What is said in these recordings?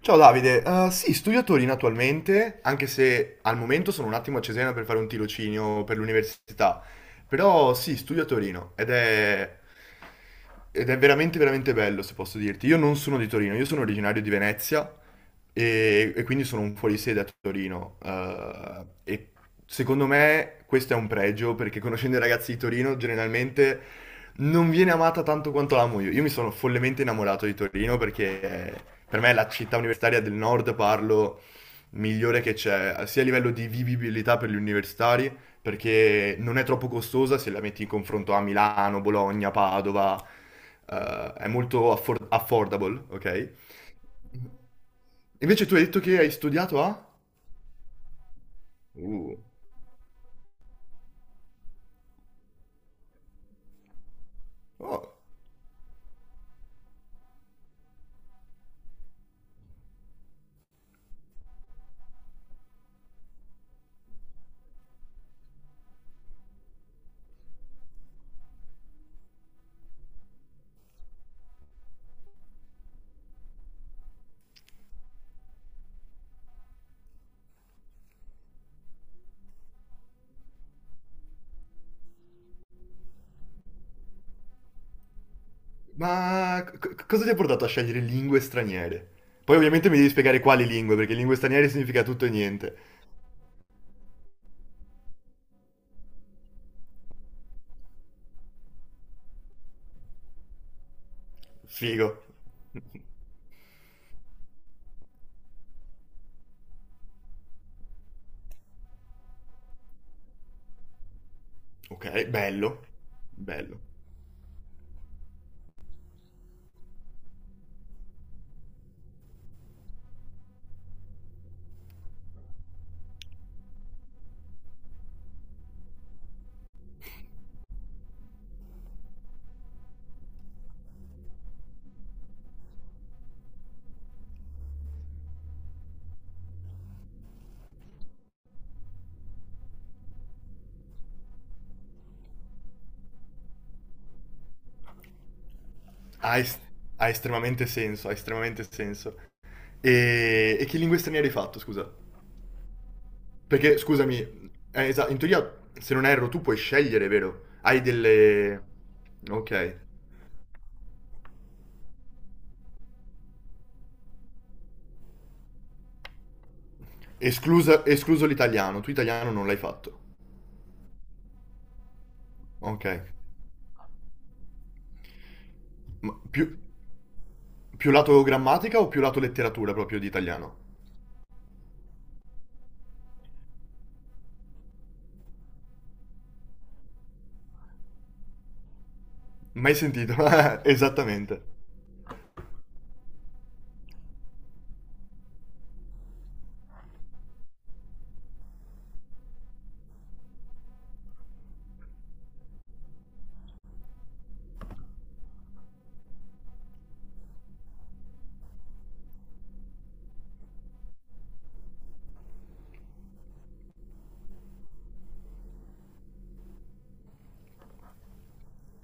Ciao Davide, sì, studio a Torino attualmente, anche se al momento sono un attimo a Cesena per fare un tirocinio per l'università, però sì, studio a Torino ed è veramente bello se posso dirti. Io non sono di Torino, io sono originario di Venezia e quindi sono un fuorisede a Torino e secondo me questo è un pregio perché conoscendo i ragazzi di Torino generalmente non viene amata tanto quanto l'amo io. Io mi sono follemente innamorato di Torino perché per me è la città universitaria del nord, parlo, migliore che c'è, sia a livello di vivibilità per gli universitari, perché non è troppo costosa se la metti in confronto a Milano, Bologna, Padova, è molto affordable, ok? Invece tu hai detto che hai studiato a... Uh, oh. Ma cosa ti ha portato a scegliere lingue straniere? Poi ovviamente mi devi spiegare quali lingue, perché lingue straniere significa tutto e niente. Figo. Ok, bello. Bello. Ha, es- Ha estremamente senso, ha estremamente senso. E che lingue straniere hai fatto, scusa? Perché, scusami, in teoria, se non erro, tu puoi scegliere, vero? Hai delle... Ok. Escluso l'italiano, tu italiano non l'hai fatto. Ok. Ma più... Più lato grammatica o più lato letteratura proprio di italiano? Mai sentito, esattamente.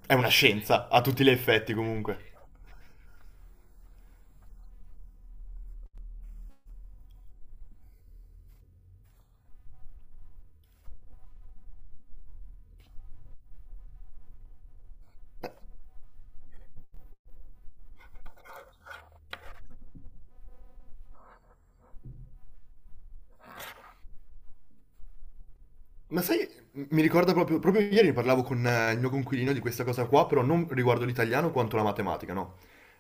È una scienza, a tutti gli effetti comunque. Ma sai, mi ricorda proprio, proprio ieri ne parlavo con il mio coinquilino di questa cosa qua, però non riguardo l'italiano quanto la matematica, no?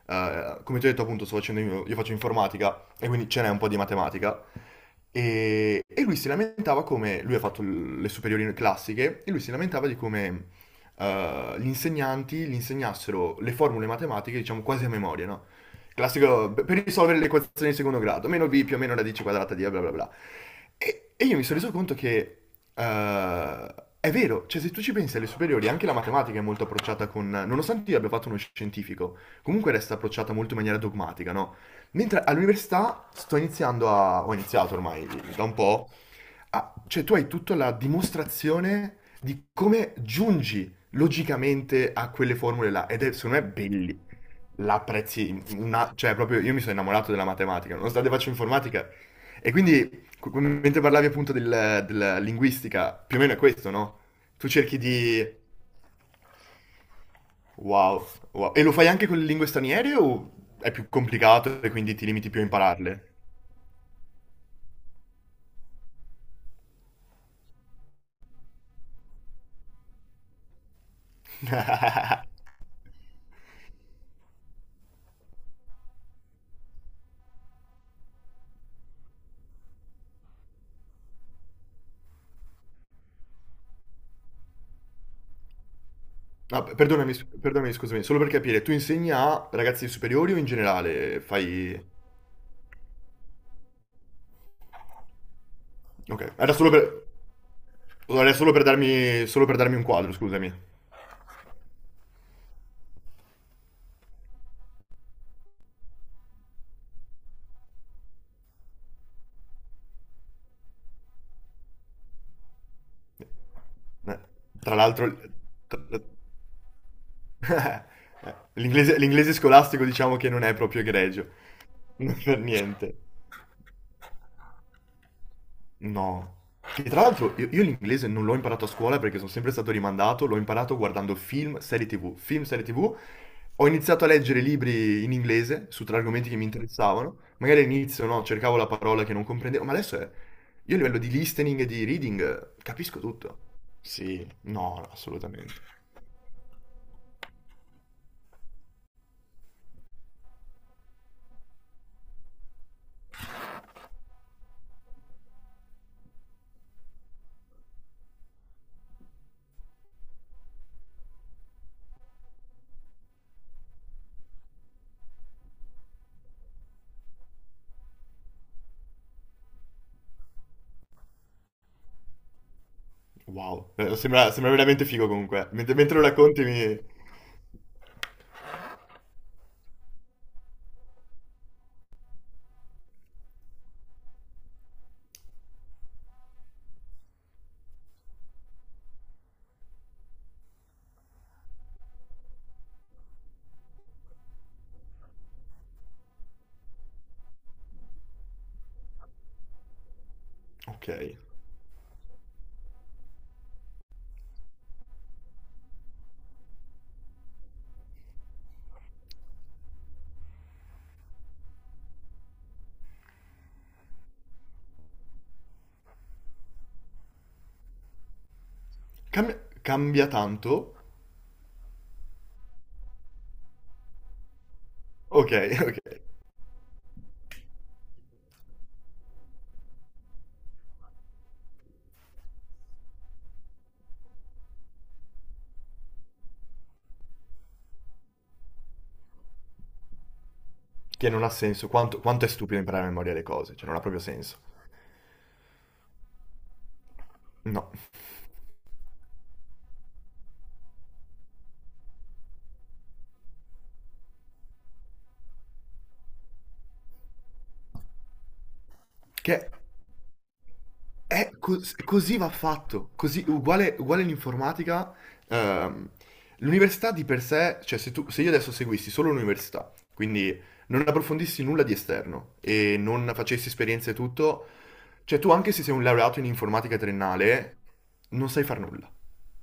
Come ti ho detto appunto, sto facendo io, faccio informatica e quindi ce n'è un po' di matematica. E lui si lamentava come, lui ha fatto le superiori classiche, e lui si lamentava di come gli insegnanti gli insegnassero le formule matematiche, diciamo, quasi a memoria, no? Classico, per risolvere le equazioni di secondo grado, meno b più o meno radice quadrata di A, bla bla bla. E io mi sono reso conto che eh, è vero, cioè se tu ci pensi alle superiori, anche la matematica è molto approcciata con... Nonostante io abbia fatto uno scientifico, comunque resta approcciata molto in maniera dogmatica, no? Mentre all'università sto iniziando a... ho iniziato ormai da un po'. Ah, cioè tu hai tutta la dimostrazione di come giungi logicamente a quelle formule là ed è secondo me belli. La apprezzi una, cioè proprio io mi sono innamorato della matematica, nonostante faccio informatica. E quindi mentre parlavi appunto della linguistica, più o meno è questo, no? Tu cerchi di wow, wow. E lo fai anche con le lingue straniere o è più complicato e quindi ti limiti più a impararle? Ah, perdonami, perdonami, scusami, solo per capire, tu insegni a ragazzi superiori o in generale fai... Ok, era solo per... Era solo per darmi un quadro, scusami. Eh, Tra l'altro, tra- l'inglese scolastico diciamo che non è proprio egregio, non per niente. No. Che tra l'altro io l'inglese non l'ho imparato a scuola perché sono sempre stato rimandato, l'ho imparato guardando film, serie TV, film, serie TV. Ho iniziato a leggere libri in inglese su tre argomenti che mi interessavano. Magari all'inizio no, cercavo la parola che non comprendevo, ma adesso è... Io a livello di listening e di reading capisco tutto. Sì, no, no, assolutamente. Wow, sembra, sembra veramente figo comunque. Mentre, mentre lo racconti mi... Ok. Cambia, cambia tanto? Ok, ok. Che non ha senso. Quanto, quanto è stupido imparare a memoria le cose, cioè non ha proprio senso. No. Che è così va fatto. Così, uguale, uguale l'informatica. ehm, L'università di per sé, cioè se, tu, se io adesso seguissi solo l'università, quindi non approfondissi nulla di esterno e non facessi esperienze e tutto, cioè tu anche se sei un laureato in informatica triennale, non sai far nulla.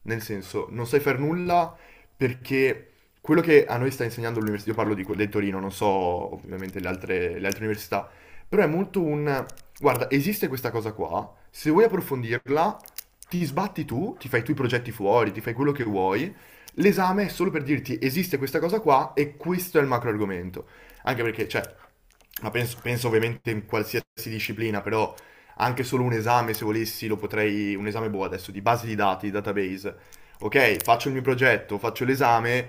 Nel senso, non sai far nulla perché quello che a noi sta insegnando l'università, io parlo di, del Torino, non so ovviamente le altre università, però è molto un... Guarda, esiste questa cosa qua, se vuoi approfondirla, ti sbatti tu, ti fai tu i progetti fuori, ti fai quello che vuoi, l'esame è solo per dirti esiste questa cosa qua e questo è il macro argomento. Anche perché, cioè, ma penso, penso ovviamente in qualsiasi disciplina, però anche solo un esame, se volessi, lo potrei, un esame boh adesso, di base di dati, database. Ok, faccio il mio progetto, faccio l'esame,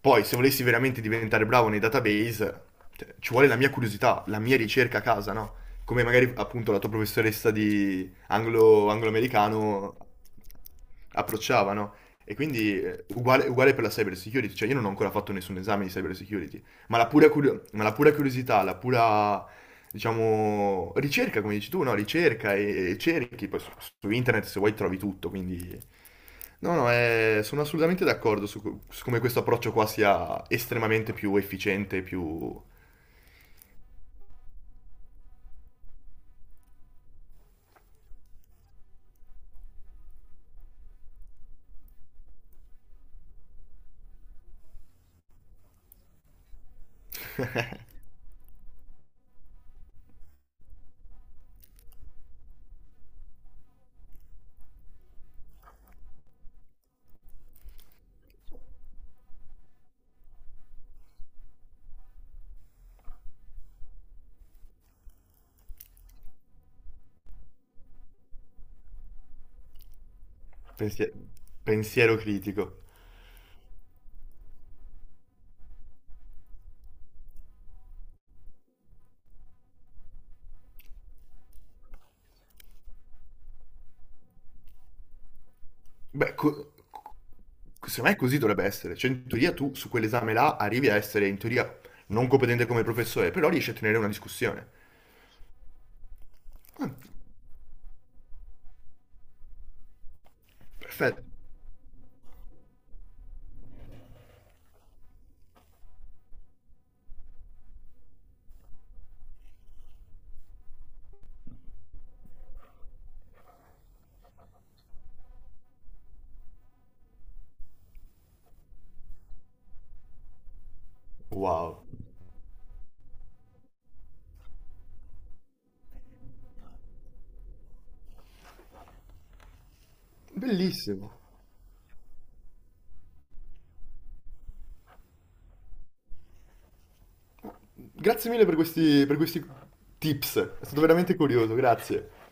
poi se volessi veramente diventare bravo nei database, cioè, ci vuole la mia curiosità, la mia ricerca a casa, no? Come magari appunto la tua professoressa di anglo, anglo-americano approcciava, no? E quindi uguale, uguale per la cyber security, cioè io non ho ancora fatto nessun esame di cyber security, ma la pura, ma la pura curiosità, la pura diciamo, ricerca, come dici tu, no? Ricerca e cerchi, poi su, su internet se vuoi trovi tutto, quindi... No, no, è- sono assolutamente d'accordo su, su come questo approccio qua sia estremamente più efficiente, più pensie- pensiero critico. Beh, secondo me così dovrebbe essere. Cioè, in teoria tu su quell'esame là arrivi a essere in teoria non competente come professore, però riesci a tenere una discussione. Ah, perfetto. Wow. Bellissimo. Grazie mille per questi tips, è stato veramente curioso, grazie.